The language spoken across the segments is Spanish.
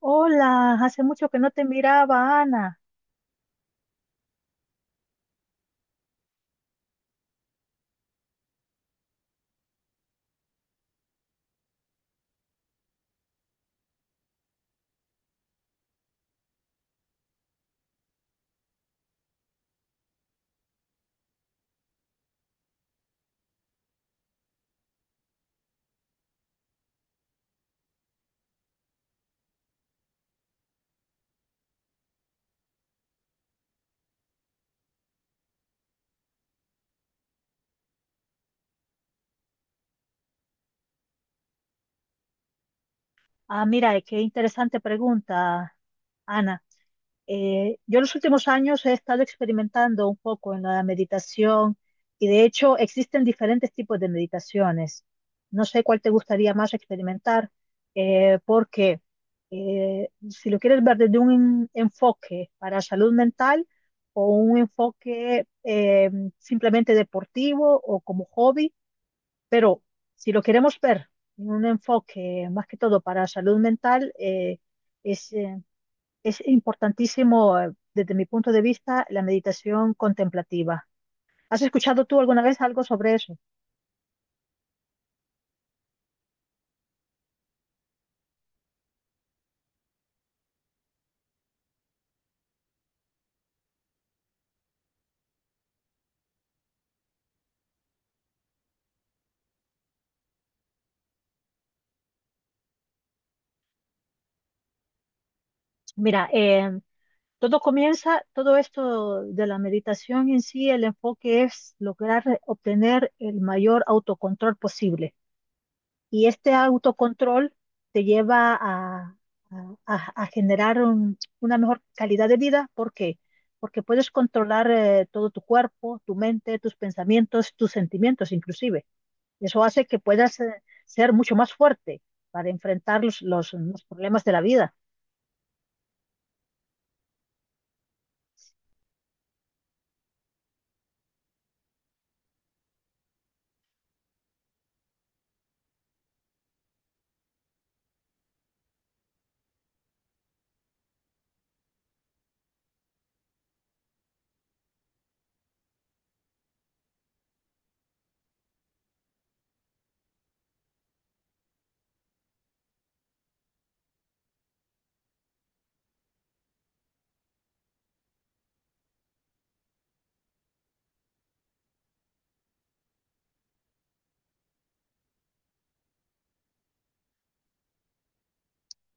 Hola, hace mucho que no te miraba, Ana. Ah, mira, qué interesante pregunta, Ana. Yo en los últimos años he estado experimentando un poco en la meditación y de hecho existen diferentes tipos de meditaciones. No sé cuál te gustaría más experimentar, porque si lo quieres ver desde un enfoque para salud mental o un enfoque simplemente deportivo o como hobby. Pero si lo queremos ver en un enfoque más que todo para salud mental, es, eh, es importantísimo, desde mi punto de vista, la meditación contemplativa. ¿Has escuchado tú alguna vez algo sobre eso? Mira, todo comienza, todo esto de la meditación en sí, el enfoque es lograr obtener el mayor autocontrol posible. Y este autocontrol te lleva a, a generar una mejor calidad de vida. ¿Por qué? Porque puedes controlar todo tu cuerpo, tu mente, tus pensamientos, tus sentimientos inclusive. Eso hace que puedas ser mucho más fuerte para enfrentar los problemas de la vida.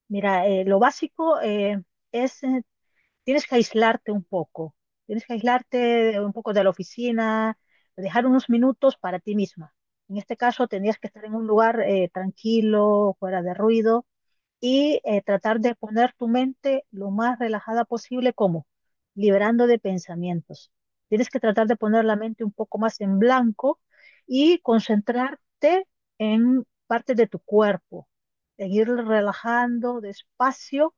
Mira, lo básico es: tienes que aislarte un poco, tienes que aislarte un poco de la oficina, dejar unos minutos para ti misma. En este caso, tendrías que estar en un lugar tranquilo, fuera de ruido, y tratar de poner tu mente lo más relajada posible, como liberando de pensamientos. Tienes que tratar de poner la mente un poco más en blanco y concentrarte en partes de tu cuerpo, seguir relajando despacio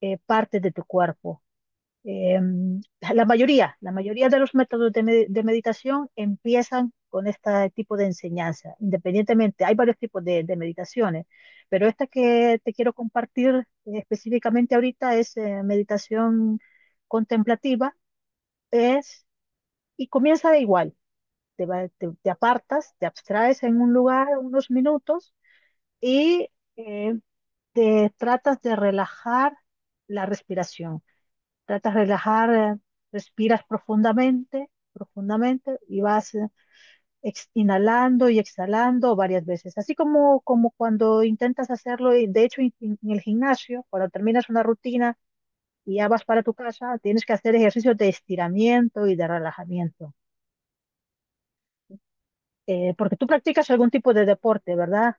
partes de tu cuerpo. eh, la mayoría, la mayoría de los métodos de meditación empiezan con este tipo de enseñanza. Independientemente, hay varios tipos de meditaciones, pero esta que te quiero compartir específicamente ahorita es meditación contemplativa, es, y comienza de igual, te, te apartas, te abstraes en un lugar unos minutos y eh, te tratas de relajar la respiración, tratas de relajar, respiras profundamente, profundamente y vas inhalando y exhalando varias veces, así como, como cuando intentas hacerlo. Y de hecho, en el gimnasio, cuando terminas una rutina y ya vas para tu casa, tienes que hacer ejercicios de estiramiento y de relajamiento. Porque tú practicas algún tipo de deporte, ¿verdad?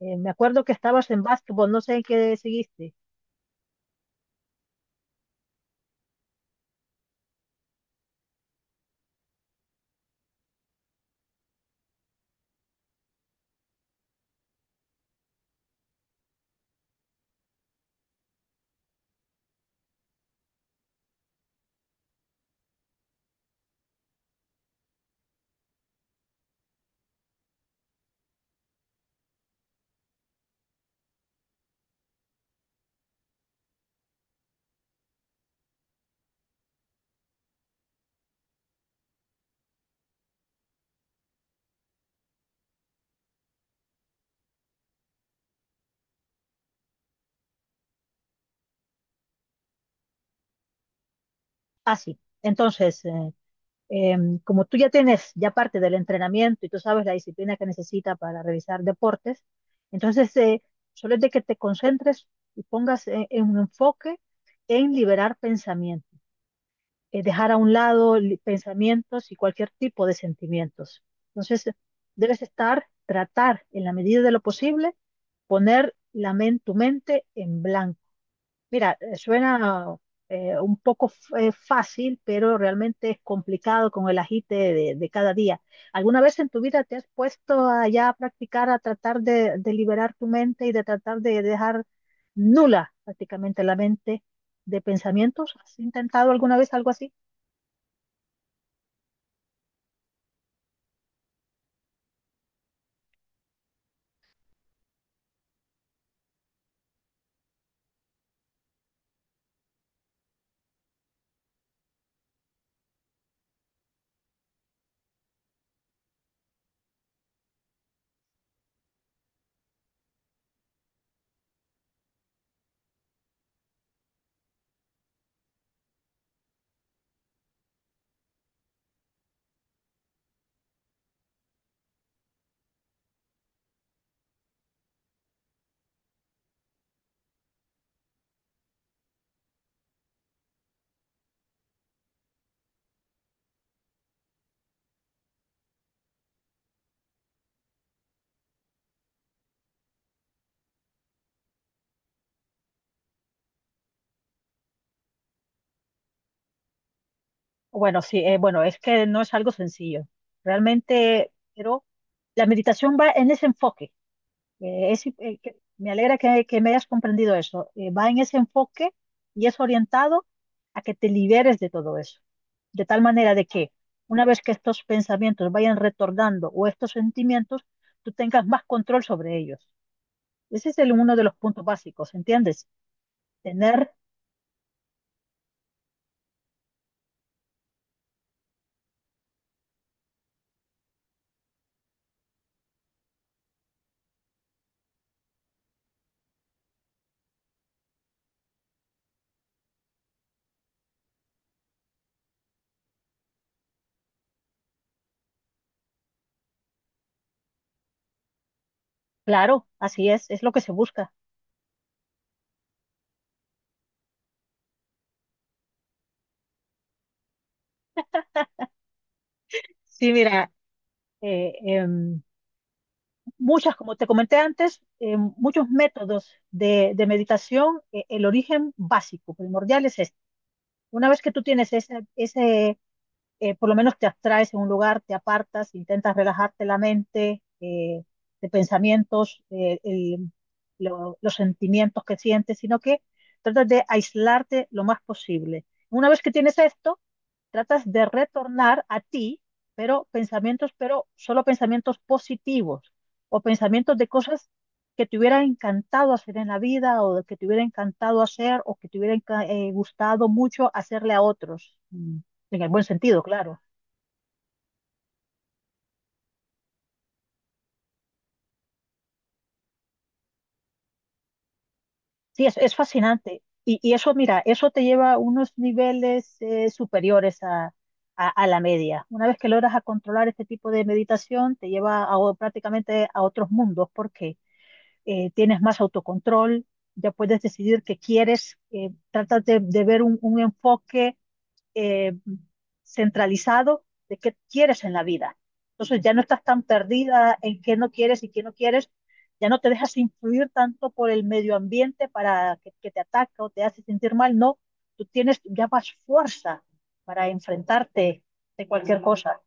Me acuerdo que estabas en básquetbol, no sé en qué seguiste. Ah, sí. Entonces, eh, como tú ya tienes ya parte del entrenamiento y tú sabes la disciplina que necesita para realizar deportes, entonces solo es de que te concentres y pongas en un enfoque en liberar pensamientos, dejar a un lado pensamientos y cualquier tipo de sentimientos. Entonces, debes estar, tratar en la medida de lo posible, poner la tu mente en blanco. Mira, suena un poco fácil, pero realmente es complicado con el agite de cada día. ¿Alguna vez en tu vida te has puesto a ya a practicar, a tratar de liberar tu mente y de tratar de dejar nula prácticamente la mente de pensamientos? ¿Has intentado alguna vez algo así? Bueno, sí, bueno, es que no es algo sencillo. Realmente, pero la meditación va en ese enfoque. Me alegra que me hayas comprendido eso. Va en ese enfoque y es orientado a que te liberes de todo eso. De tal manera de que una vez que estos pensamientos vayan retornando o estos sentimientos, tú tengas más control sobre ellos. Ese es el, uno de los puntos básicos, ¿entiendes? Tener claro, así es lo que se busca. Sí, mira, eh, em, muchas, como te comenté antes, muchos métodos de meditación, el origen básico, primordial es este. Una vez que tú tienes ese, ese por lo menos te abstraes en un lugar, te apartas, intentas relajarte la mente de pensamientos, los sentimientos que sientes, sino que tratas de aislarte lo más posible. Una vez que tienes esto, tratas de retornar a ti, pero pensamientos, pero solo pensamientos positivos o pensamientos de cosas que te hubiera encantado hacer en la vida o que te hubiera encantado hacer o que te hubiera gustado mucho hacerle a otros, mm, en el buen sentido, claro. Sí, es fascinante. Y eso, mira, eso te lleva a unos niveles superiores a, a la media. Una vez que logras a controlar este tipo de meditación, te lleva a prácticamente a otros mundos. ¿Por qué? Tienes más autocontrol, ya puedes decidir qué quieres, tratas de ver un enfoque eh, centralizado de qué quieres en la vida. Entonces ya no estás tan perdida en qué no quieres y qué no quieres, ya no te dejas influir tanto por el medio ambiente para que te ataca o te hace sentir mal, no, tú tienes ya más fuerza para enfrentarte de cualquier cosa.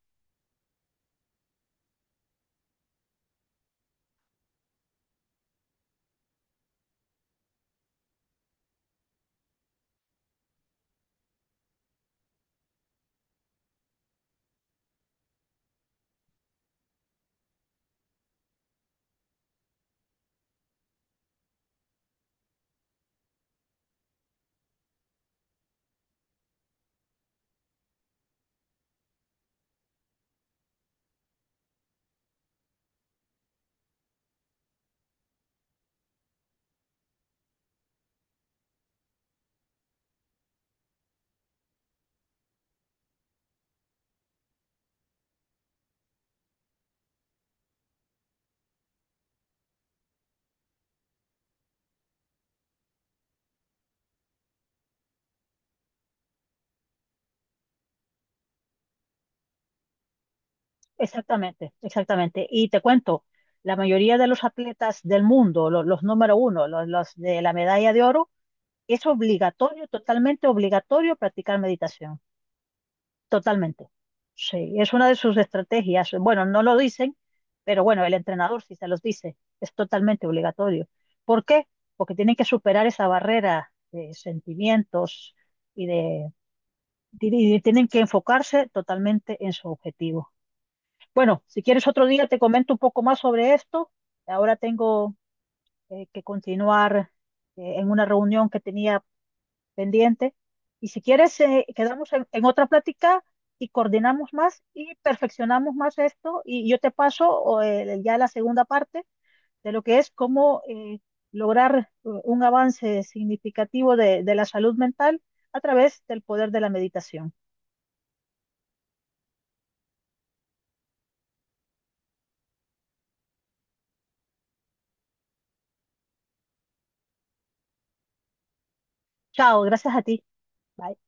Exactamente, exactamente. Y te cuento, la mayoría de los atletas del mundo, los, número uno, los de la medalla de oro, es obligatorio, totalmente obligatorio practicar meditación, totalmente. Sí, es una de sus estrategias. Bueno, no lo dicen, pero bueno, el entrenador sí se los dice, es totalmente obligatorio. ¿Por qué? Porque tienen que superar esa barrera de sentimientos y de, y tienen que enfocarse totalmente en su objetivo. Bueno, si quieres otro día te comento un poco más sobre esto. Ahora tengo que continuar en una reunión que tenía pendiente. Y si quieres, quedamos en otra plática y coordinamos más y perfeccionamos más esto. Y yo te paso o, ya la segunda parte de lo que es cómo lograr un avance significativo de la salud mental a través del poder de la meditación. Chao, gracias a ti. Bye.